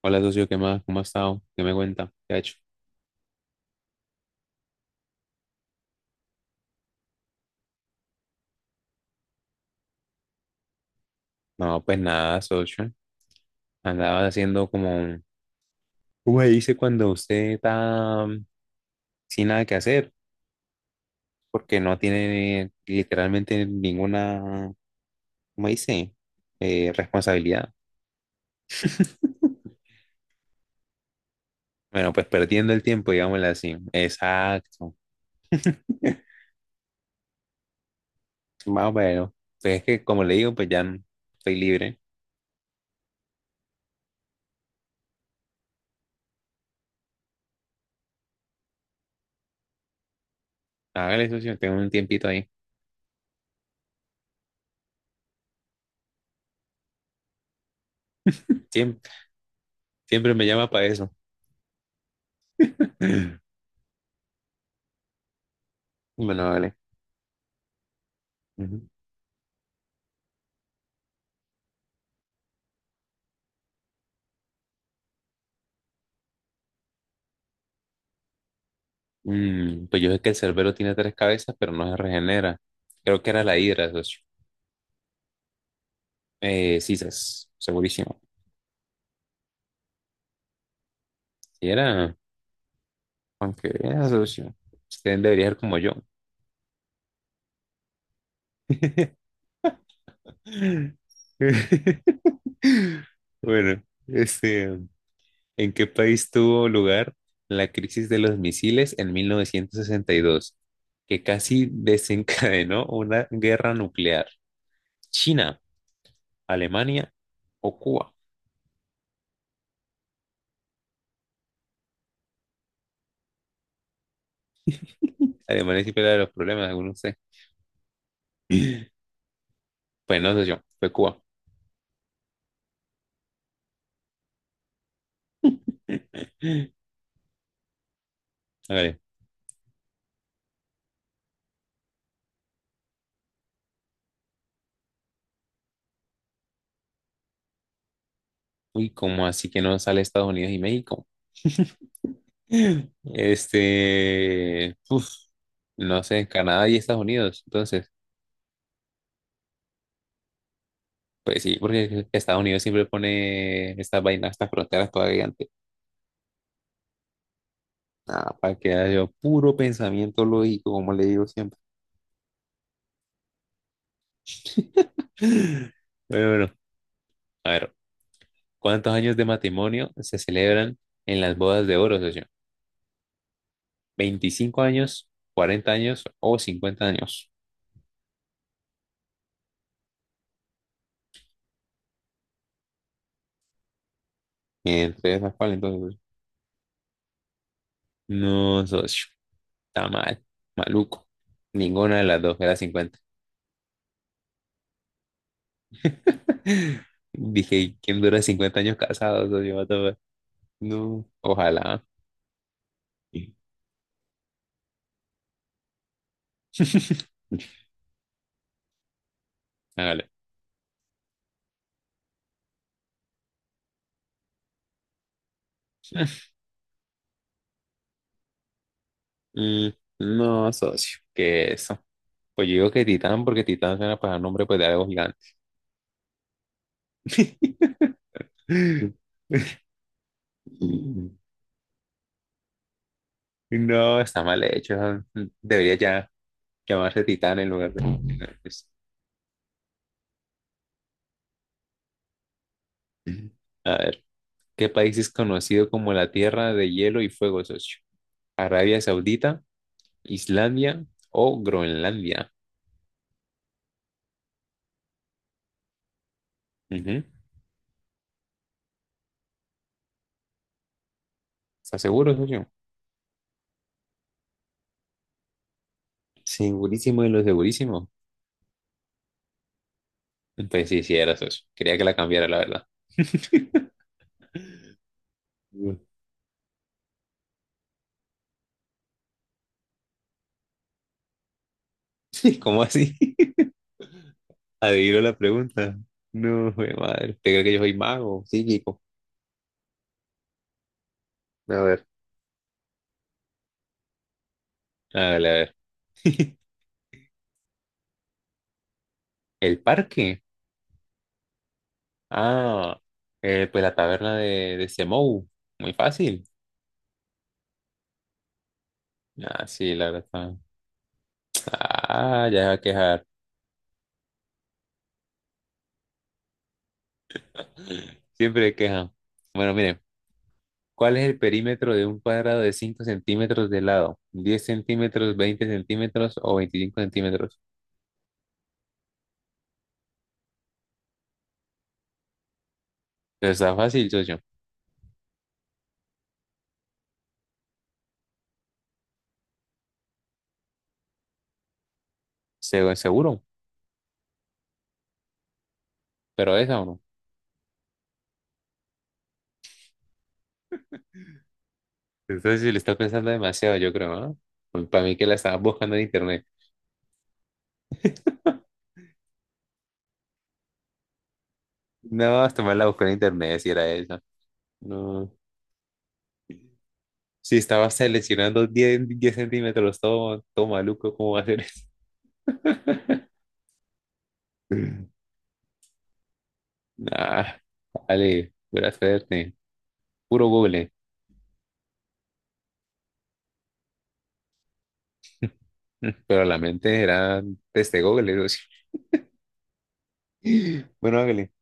Hola, socio, ¿qué más? ¿Cómo ha estado? ¿Qué me cuenta? ¿Qué ha hecho? No, pues nada, socio. Andaba haciendo como un... ¿Cómo se dice cuando usted está sin nada que hacer? Porque no tiene literalmente ninguna, ¿cómo dice? Responsabilidad. Bueno, pues perdiendo el tiempo, digámoslo así. Exacto. Más o menos. Pues es que, como le digo, estoy libre. Hágale, socio, tengo un tiempito ahí. Siem- Siempre, me llama para eso. Bueno, vale. Mm, pues yo sé que el cerbero tiene 3 cabezas, pero no se regenera. Creo que era la hidra, socio. Sí, segurísimo. Sí era, aunque era socio. Usted debería ser como yo. Bueno, este, ¿en qué país tuvo lugar la crisis de los misiles en 1962, que casi desencadenó una guerra nuclear? ¿China, Alemania o Cuba? Alemania siempre era de los problemas, según. Pues no sé, yo fue Cuba. A ver, uy, ¿cómo así que no sale Estados Unidos y México? Este, uf, no sé, Canadá y Estados Unidos. Entonces, pues sí, porque Estados Unidos siempre pone estas vainas, estas fronteras todavía antes. Ah, para que haya yo puro pensamiento lógico, como le digo siempre. Pero bueno, a ver, ¿cuántos años de matrimonio se celebran en las bodas de oro, socio? ¿25 años, 40 años o 50 años? Entre esas, ¿cuál entonces? No, socio. Está mal. Maluco. Ninguna de las dos era 50. Dije, ¿quién dura 50 años casado, socio? What the fuck? No, ojalá. Hágale. Mm, no, socio. ¿Qué eso? Pues yo digo que Titán, porque Titán suena para al nombre pues, de algo gigante. No, está mal hecho. Debería ya llamarse Titán en lugar de... A ver. ¿Qué país es conocido como la Tierra de Hielo y Fuego, socio? ¿Arabia Saudita, Islandia o Groenlandia? Ujú. ¿Estás seguro, socio? Segurísimo de lo segurísimo. Pues sí, sí, era socio. Quería que la cambiara, la verdad. Mm. ¿Cómo así? Adivino la pregunta. No, jue madre. ¿Te crees que yo soy mago? Psíquico. A ver. Hágale, a ver. ¿El parque? Ah, pues la taberna de Semou. Muy fácil. Ah, sí, la verdad. Está- ah, ya va a quejar. Siempre queja. Bueno, miren, ¿cuál es el perímetro de un cuadrado de 5 cm de lado? ¿10 cm, 20 cm o 25 cm? Pero está fácil, socio. Seguro, pero esa o no. Entonces, si le está pensando demasiado, yo creo, ¿no? Pues para mí que la estaba buscando en internet. No, hasta me la busqué en internet, si era esa. No. Si estaba seleccionando 10 10 centímetros, todo maluco, ¿cómo va a ser eso? Nah, vale, buena suerte. Puro Google. Pero la mente era desde Google. Digo, sí. Bueno, hágale.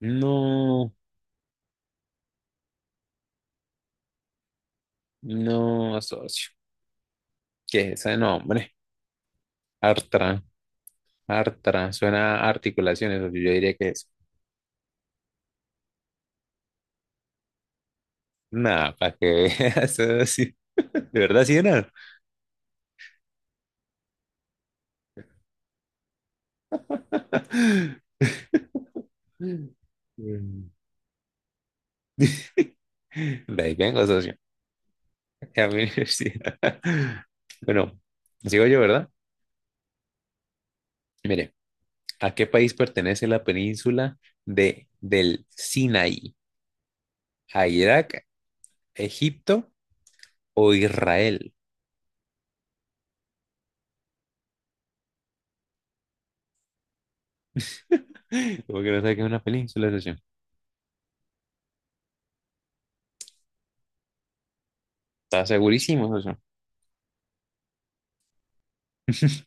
No, no, socio. ¿Qué es ese nombre? Artra, Artra. Suena a articulaciones, socio. Yo diría que es. Nada, para que veas, socio. De verdad, sí era. Mm. De ahí vengo, socio. A mi universidad. Bueno, sigo yo, ¿verdad? Mire, ¿a qué país pertenece la península del Sinaí? ¿A Irak, Egipto o Israel? Porque no sé que es una península, socio. Está segurísimo, socio.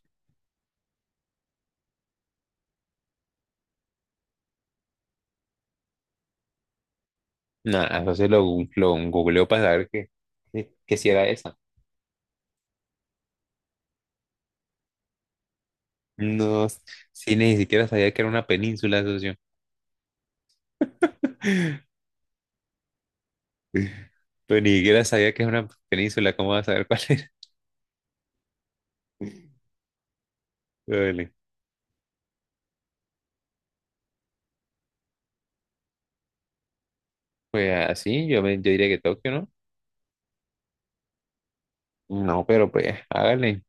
Nada, entonces lo googleó para saber que si era esa. No, sí, ni siquiera sabía que era una península, socio. Pues ni siquiera sabía que es una península, ¿cómo vas a saber cuál es? Vale. Pues así, yo diría que Tokio, ¿no? No, pero pues, hágale.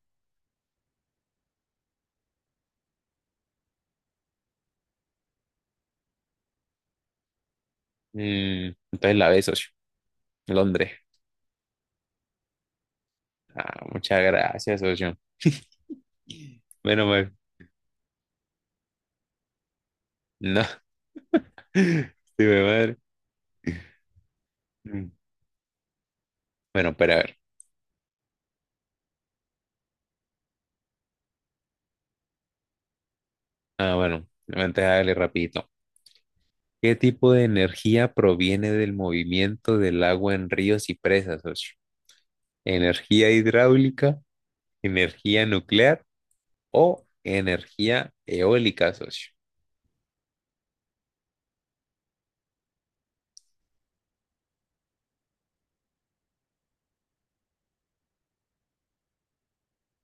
Mm, entonces la B, socio. Londres. Ah, muchas gracias, socio. Menos mal. No. Sí, mi madre. Mm. Bueno, pero a ver. Ah, bueno, antes hágale rapidito. ¿Qué tipo de energía proviene del movimiento del agua en ríos y presas, socio? ¿Energía hidráulica, energía nuclear o energía eólica, socio?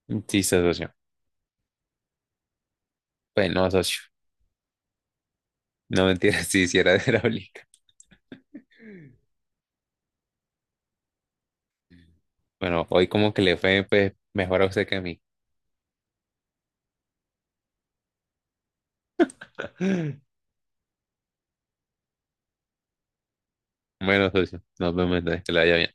Sí, sí, socio. Pues no, socio. No mentira, si hiciera hidráulica. Bueno, hoy como que le fue pues, mejor a usted que a mí. Bueno, socio, nos vemos entonces, que la vaya bien.